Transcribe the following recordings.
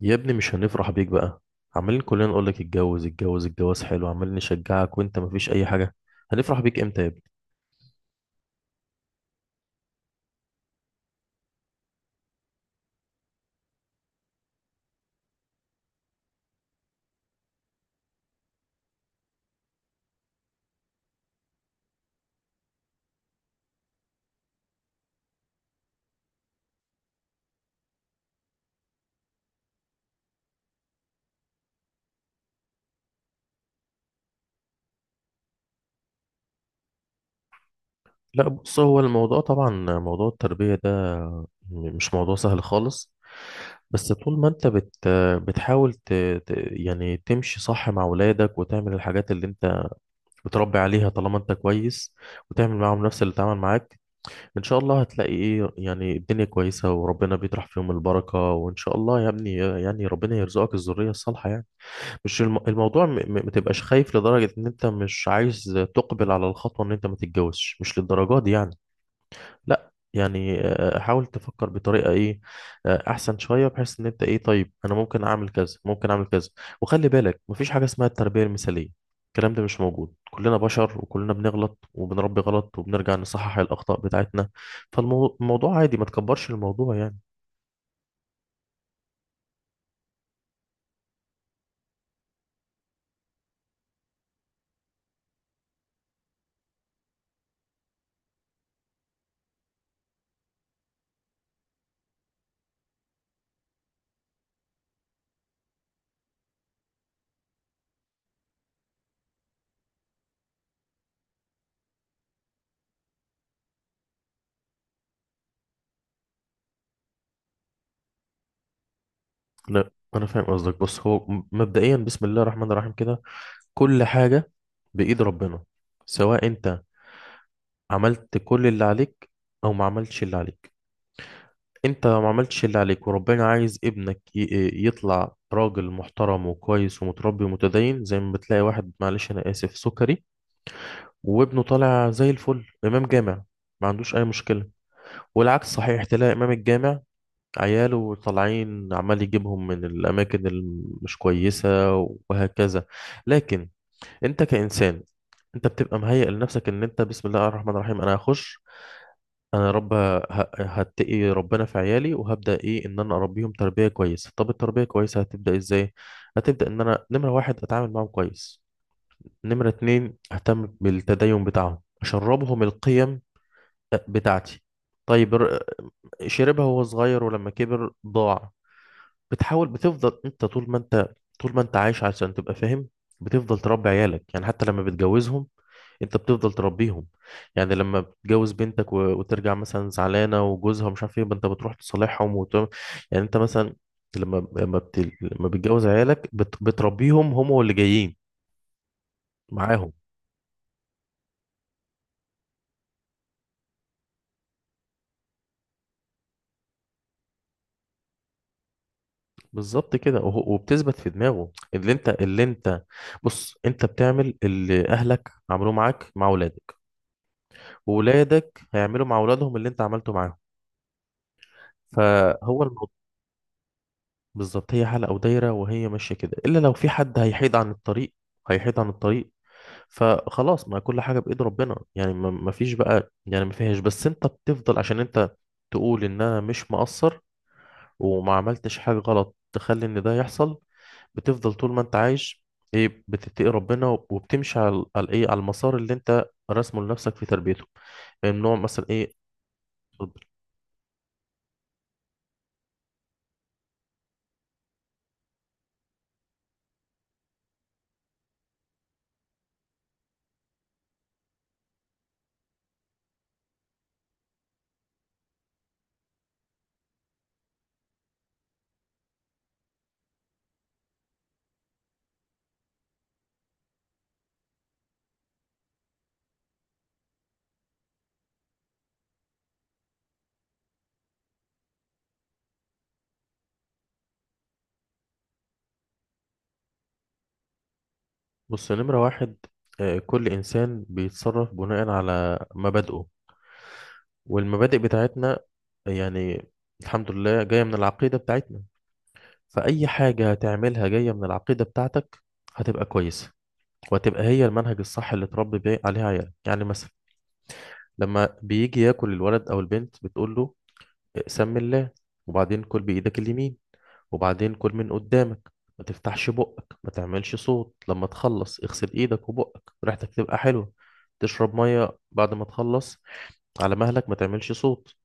يا ابني، مش هنفرح بيك بقى. عمالين كلنا نقول لك اتجوز اتجوز، الجواز حلو، عمالين نشجعك وانت مفيش اي حاجه. هنفرح بيك امتى يا ابني؟ لا، بص، هو الموضوع طبعا، موضوع التربيه ده مش موضوع سهل خالص. بس طول ما انت بتحاول يعني تمشي صح مع ولادك، وتعمل الحاجات اللي انت بتربي عليها، طالما انت كويس وتعمل معاهم نفس اللي اتعمل معاك، ان شاء الله هتلاقي، ايه، يعني الدنيا كويسه، وربنا بيطرح فيهم البركه، وان شاء الله يا ابني، يعني ربنا يرزقك الذريه الصالحه يعني. مش الموضوع ما تبقاش خايف لدرجة ان انت مش عايز تقبل على الخطوة، ان انت ما تتجوزش، مش للدرجة دي يعني. لا يعني، حاول تفكر بطريقة، ايه، احسن شوية، بحيث ان انت، ايه، طيب انا ممكن اعمل كذا، ممكن اعمل كذا. وخلي بالك، مفيش حاجة اسمها التربية المثالية، الكلام ده مش موجود. كلنا بشر وكلنا بنغلط وبنربي غلط وبنرجع نصحح الأخطاء بتاعتنا، فالموضوع عادي، ما تكبرش الموضوع يعني. لا، انا فاهم قصدك. بص، هو مبدئيا، بسم الله الرحمن الرحيم، كده كل حاجة بإيد ربنا. سواء أنت عملت كل اللي عليك أو ما عملتش اللي عليك، أنت لو ما عملتش اللي عليك وربنا عايز ابنك يطلع راجل محترم وكويس ومتربي ومتدين، زي ما بتلاقي واحد، معلش أنا آسف سكري، وابنه طالع زي الفل، إمام جامع ما عندوش أي مشكلة. والعكس صحيح، تلاقي إمام الجامع عياله طالعين، عمال يجيبهم من الأماكن المش كويسة، وهكذا. لكن انت كإنسان، انت بتبقى مهيئ لنفسك ان انت بسم الله الرحمن الرحيم، انا هخش. انا يا رب هتقي ربنا في عيالي، وهبدا، ايه، ان انا اربيهم تربيه كويسه. طب التربيه كويسه هتبدا ازاي؟ هتبدا ان انا نمره واحد اتعامل معاهم كويس، نمره اتنين اهتم بالتدين بتاعهم، اشربهم القيم بتاعتي. طيب، شربها وهو صغير ولما كبر ضاع. بتفضل انت طول ما انت عايش، عشان تبقى فاهم بتفضل تربي عيالك، يعني حتى لما بتجوزهم انت بتفضل تربيهم. يعني لما بتجوز بنتك وترجع مثلا زعلانه، وجوزها مش عارف ايه، انت بتروح تصالحهم يعني انت مثلا، لما بتجوز عيالك بتربيهم هم واللي جايين معاهم. بالظبط كده، وبتثبت في دماغه. اللي انت اللي انت بص، انت بتعمل اللي اهلك عملوه معاك مع اولادك، واولادك هيعملوا مع اولادهم اللي انت عملته معاهم، فهو الموضوع. بالظبط هي حلقة ودايرة، وهي ماشية كده، إلا لو في حد هيحيد عن الطريق، هيحيد عن الطريق. فخلاص، ما كل حاجة بإيد ربنا يعني، ما فيش بقى يعني، ما فيهاش. بس أنت بتفضل عشان أنت تقول إن أنا مش مقصر، وما عملتش حاجة غلط تخلي إن ده يحصل. بتفضل طول ما أنت عايش، إيه، بتتقي ربنا، وبتمشي على إيه، على المسار اللي أنت راسمه لنفسك في تربيته، من نوع مثلا إيه. بص، نمرة واحد، كل إنسان بيتصرف بناء على مبادئه، والمبادئ بتاعتنا، يعني، الحمد لله جاية من العقيدة بتاعتنا. فأي حاجة هتعملها جاية من العقيدة بتاعتك، هتبقى كويسة، وهتبقى هي المنهج الصح اللي تربي بيه عليه عيالك. يعني مثلا، لما بيجي ياكل الولد أو البنت بتقول له سم الله، وبعدين كل بإيدك اليمين، وبعدين كل من قدامك، ما تفتحش بقك، ما تعملش صوت، لما تخلص اغسل ايدك وبقك، ريحتك تبقى حلوة، تشرب مية بعد ما تخلص على مهلك، ما تعملش صوت،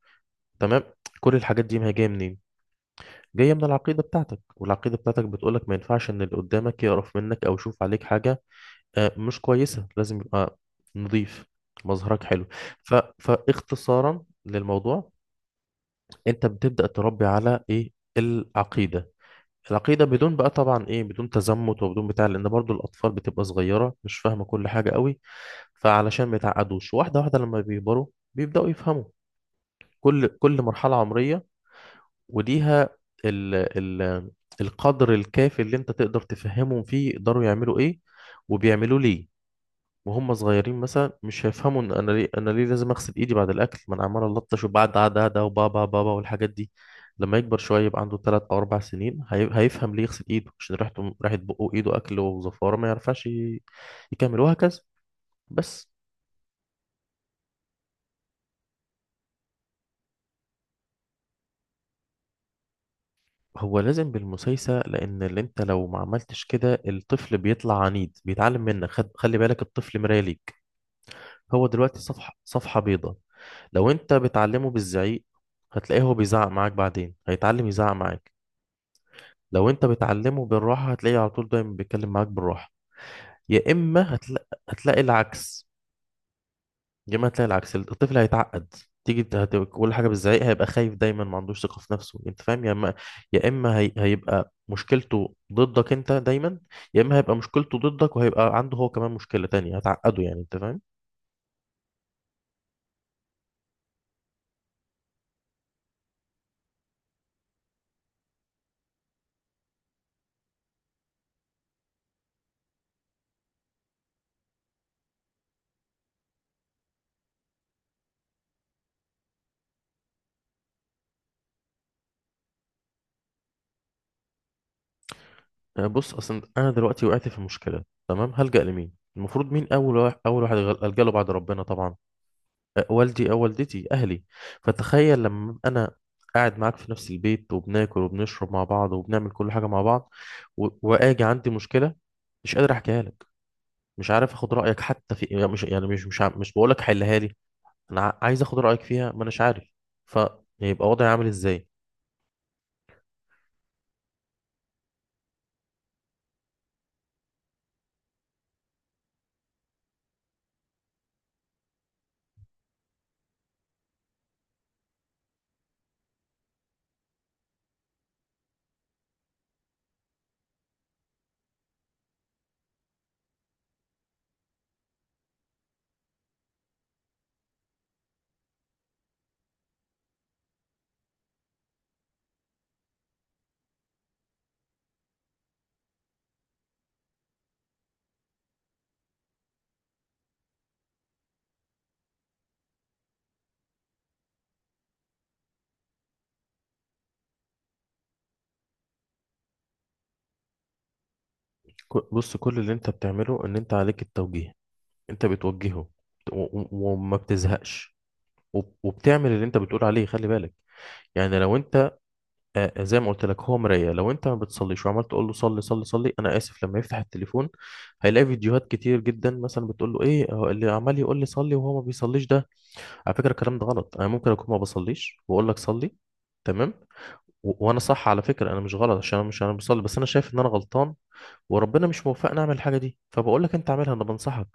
تمام. كل الحاجات دي ما هي جاية منين؟ جاية من العقيدة بتاعتك، والعقيدة بتاعتك بتقولك ما ينفعش ان اللي قدامك يقرف منك، او يشوف عليك حاجة مش كويسة، لازم يبقى نظيف، مظهرك حلو. ف... فاختصارا للموضوع، انت بتبدأ تربي على ايه؟ العقيدة. العقيدة بدون بقى طبعا، ايه، بدون تزمت وبدون بتاع، لان برضو الاطفال بتبقى صغيرة، مش فاهمة كل حاجة قوي، فعلشان ما يتعقدوش. واحدة واحدة لما بيكبروا بيبدأوا يفهموا. كل مرحلة عمرية وليها ال ال القدر الكافي اللي انت تقدر تفهمهم فيه، يقدروا يعملوا ايه وبيعملوا ليه. وهم صغيرين مثلا مش هيفهموا، ان انا ليه لازم اغسل ايدي بعد الاكل، ما انا عمال الطش، وبعد عاد عاد وبابا بابا والحاجات دي. لما يكبر شويه يبقى عنده 3 أو 4 سنين، هيفهم ليه يغسل ايده، عشان ريحته ريحه بقه وايده اكل وزفاره، ما يعرفش يكمل، وهكذا بس. هو لازم بالمسايسه، لان اللي انت لو ما عملتش كده الطفل بيطلع عنيد، بيتعلم منك. خلي بالك، الطفل مرايه ليك، هو دلوقتي صفحه بيضاء. لو انت بتعلمه بالزعيق هتلاقيه هو بيزعق معاك، بعدين هيتعلم يزعق معاك. لو انت بتعلمه بالراحة هتلاقيه على طول دايما بيتكلم معاك بالراحة. يا اما هتلاقي العكس، يا اما هتلاقي العكس، الطفل هيتعقد. كل حاجة بالزعيق هيبقى خايف دايما، ما عندوش ثقة في نفسه، انت فاهم. يا اما هيبقى مشكلته ضدك انت دايما، يا اما هيبقى مشكلته ضدك، وهيبقى عنده هو كمان مشكلة تانية هتعقده، يعني انت فاهم. بص، اصلا انا دلوقتي وقعت في مشكلة، تمام، هلجأ لمين؟ المفروض مين اول واحد الجأ له بعد ربنا طبعا؟ والدي أو والدتي، أهلي. فتخيل لما أبقى أنا قاعد معاك في نفس البيت، وبناكل وبنشرب مع بعض وبنعمل كل حاجة مع بعض، وآجي عندي مشكلة مش قادر أحكيها لك، مش عارف أخد رأيك، حتى في، يعني، مش بقولك حلها لي، أنا عايز أخد رأيك فيها ما أناش عارف. فيبقى وضعي عامل إزاي؟ بص، كل اللي أنت بتعمله، إن أنت عليك التوجيه، أنت بتوجهه وما بتزهقش، وبتعمل اللي أنت بتقول عليه. خلي بالك، يعني لو انت زي ما قلت لك هو مراية، لو انت ما بتصليش وعمال تقول له صلي صلي صلي، انا اسف، لما يفتح التليفون هيلاقي فيديوهات كتير جدا مثلا بتقول له، ايه هو اللي عمال يقول لي صلي وهو ما بيصليش ده؟ على فكرة الكلام ده غلط، انا ممكن اكون ما بصليش واقول لك صلي، تمام، وانا صح على فكرة، انا مش غلط عشان انا مش انا بصلي، بس انا شايف ان انا غلطان، وربنا مش موفقنا نعمل الحاجه دي، فبقول لك انت اعملها، انا بنصحك.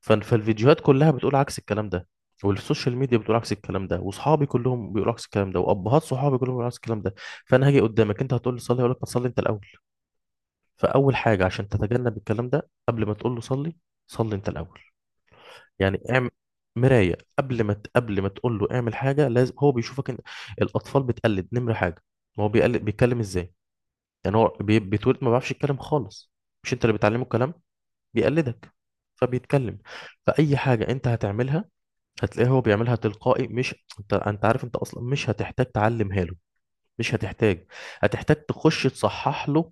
فالفيديوهات كلها بتقول عكس الكلام ده، والسوشيال ميديا بتقول عكس الكلام ده، واصحابي كلهم بيقولوا عكس الكلام ده، وابهات صحابي كلهم بيقولوا عكس الكلام ده. فانا هاجي قدامك انت هتقول لي صلي، اقول لك ما تصلي انت الاول. فاول حاجه عشان تتجنب الكلام ده، قبل ما تقول له صلي، صلي انت الاول. يعني اعمل مرايه، قبل ما تقول له اعمل حاجه، لازم هو بيشوفك انت، الاطفال بتقلد نمره حاجه. ما هو بيقلد بيتكلم ازاي، يعني هو بيتولد ما بيعرفش يتكلم خالص، مش انت اللي بتعلمه الكلام، بيقلدك فبيتكلم. فأي حاجة أنت هتعملها هتلاقيه هو بيعملها تلقائي، مش أنت عارف، أنت أصلا مش هتحتاج تعلمها له، مش هتحتاج. هتحتاج تخش تصحح له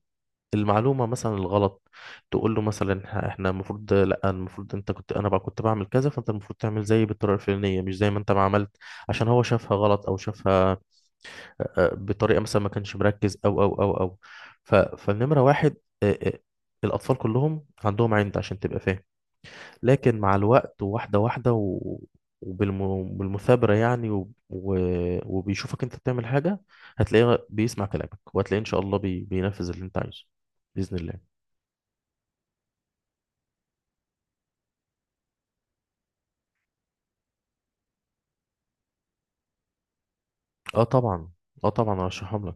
المعلومة مثلا الغلط، تقول له مثلا، احنا المفروض، لا، المفروض انت كنت، انا بقى كنت بعمل كذا، فانت المفروض تعمل زيي بالطريقة الفلانية، مش زي ما انت ما عملت، عشان هو شافها غلط، او شافها بطريقة مثلا ما كانش مركز او. فالنمرة واحد، آه، آه، الأطفال كلهم عندهم عند، عشان تبقى فاهم، لكن مع الوقت، وواحدة واحدة، وبالمثابرة يعني وبيشوفك انت بتعمل حاجة، هتلاقيه بيسمع كلامك، وهتلاقيه ان شاء الله بينفذ اللي انت عايزه بإذن الله. اه طبعا. اه، طبعا ارشحهم لك،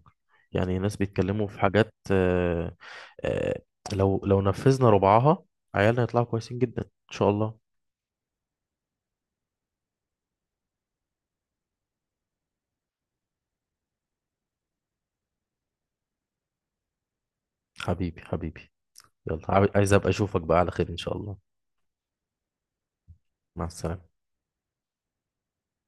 يعني ناس بيتكلموا في حاجات. آه... لو نفذنا ربعها، عيالنا هيطلعوا كويسين جدا ان شاء الله. حبيبي، حبيبي، يلا عايز ابقى اشوفك بقى على خير ان شاء الله. مع السلامة.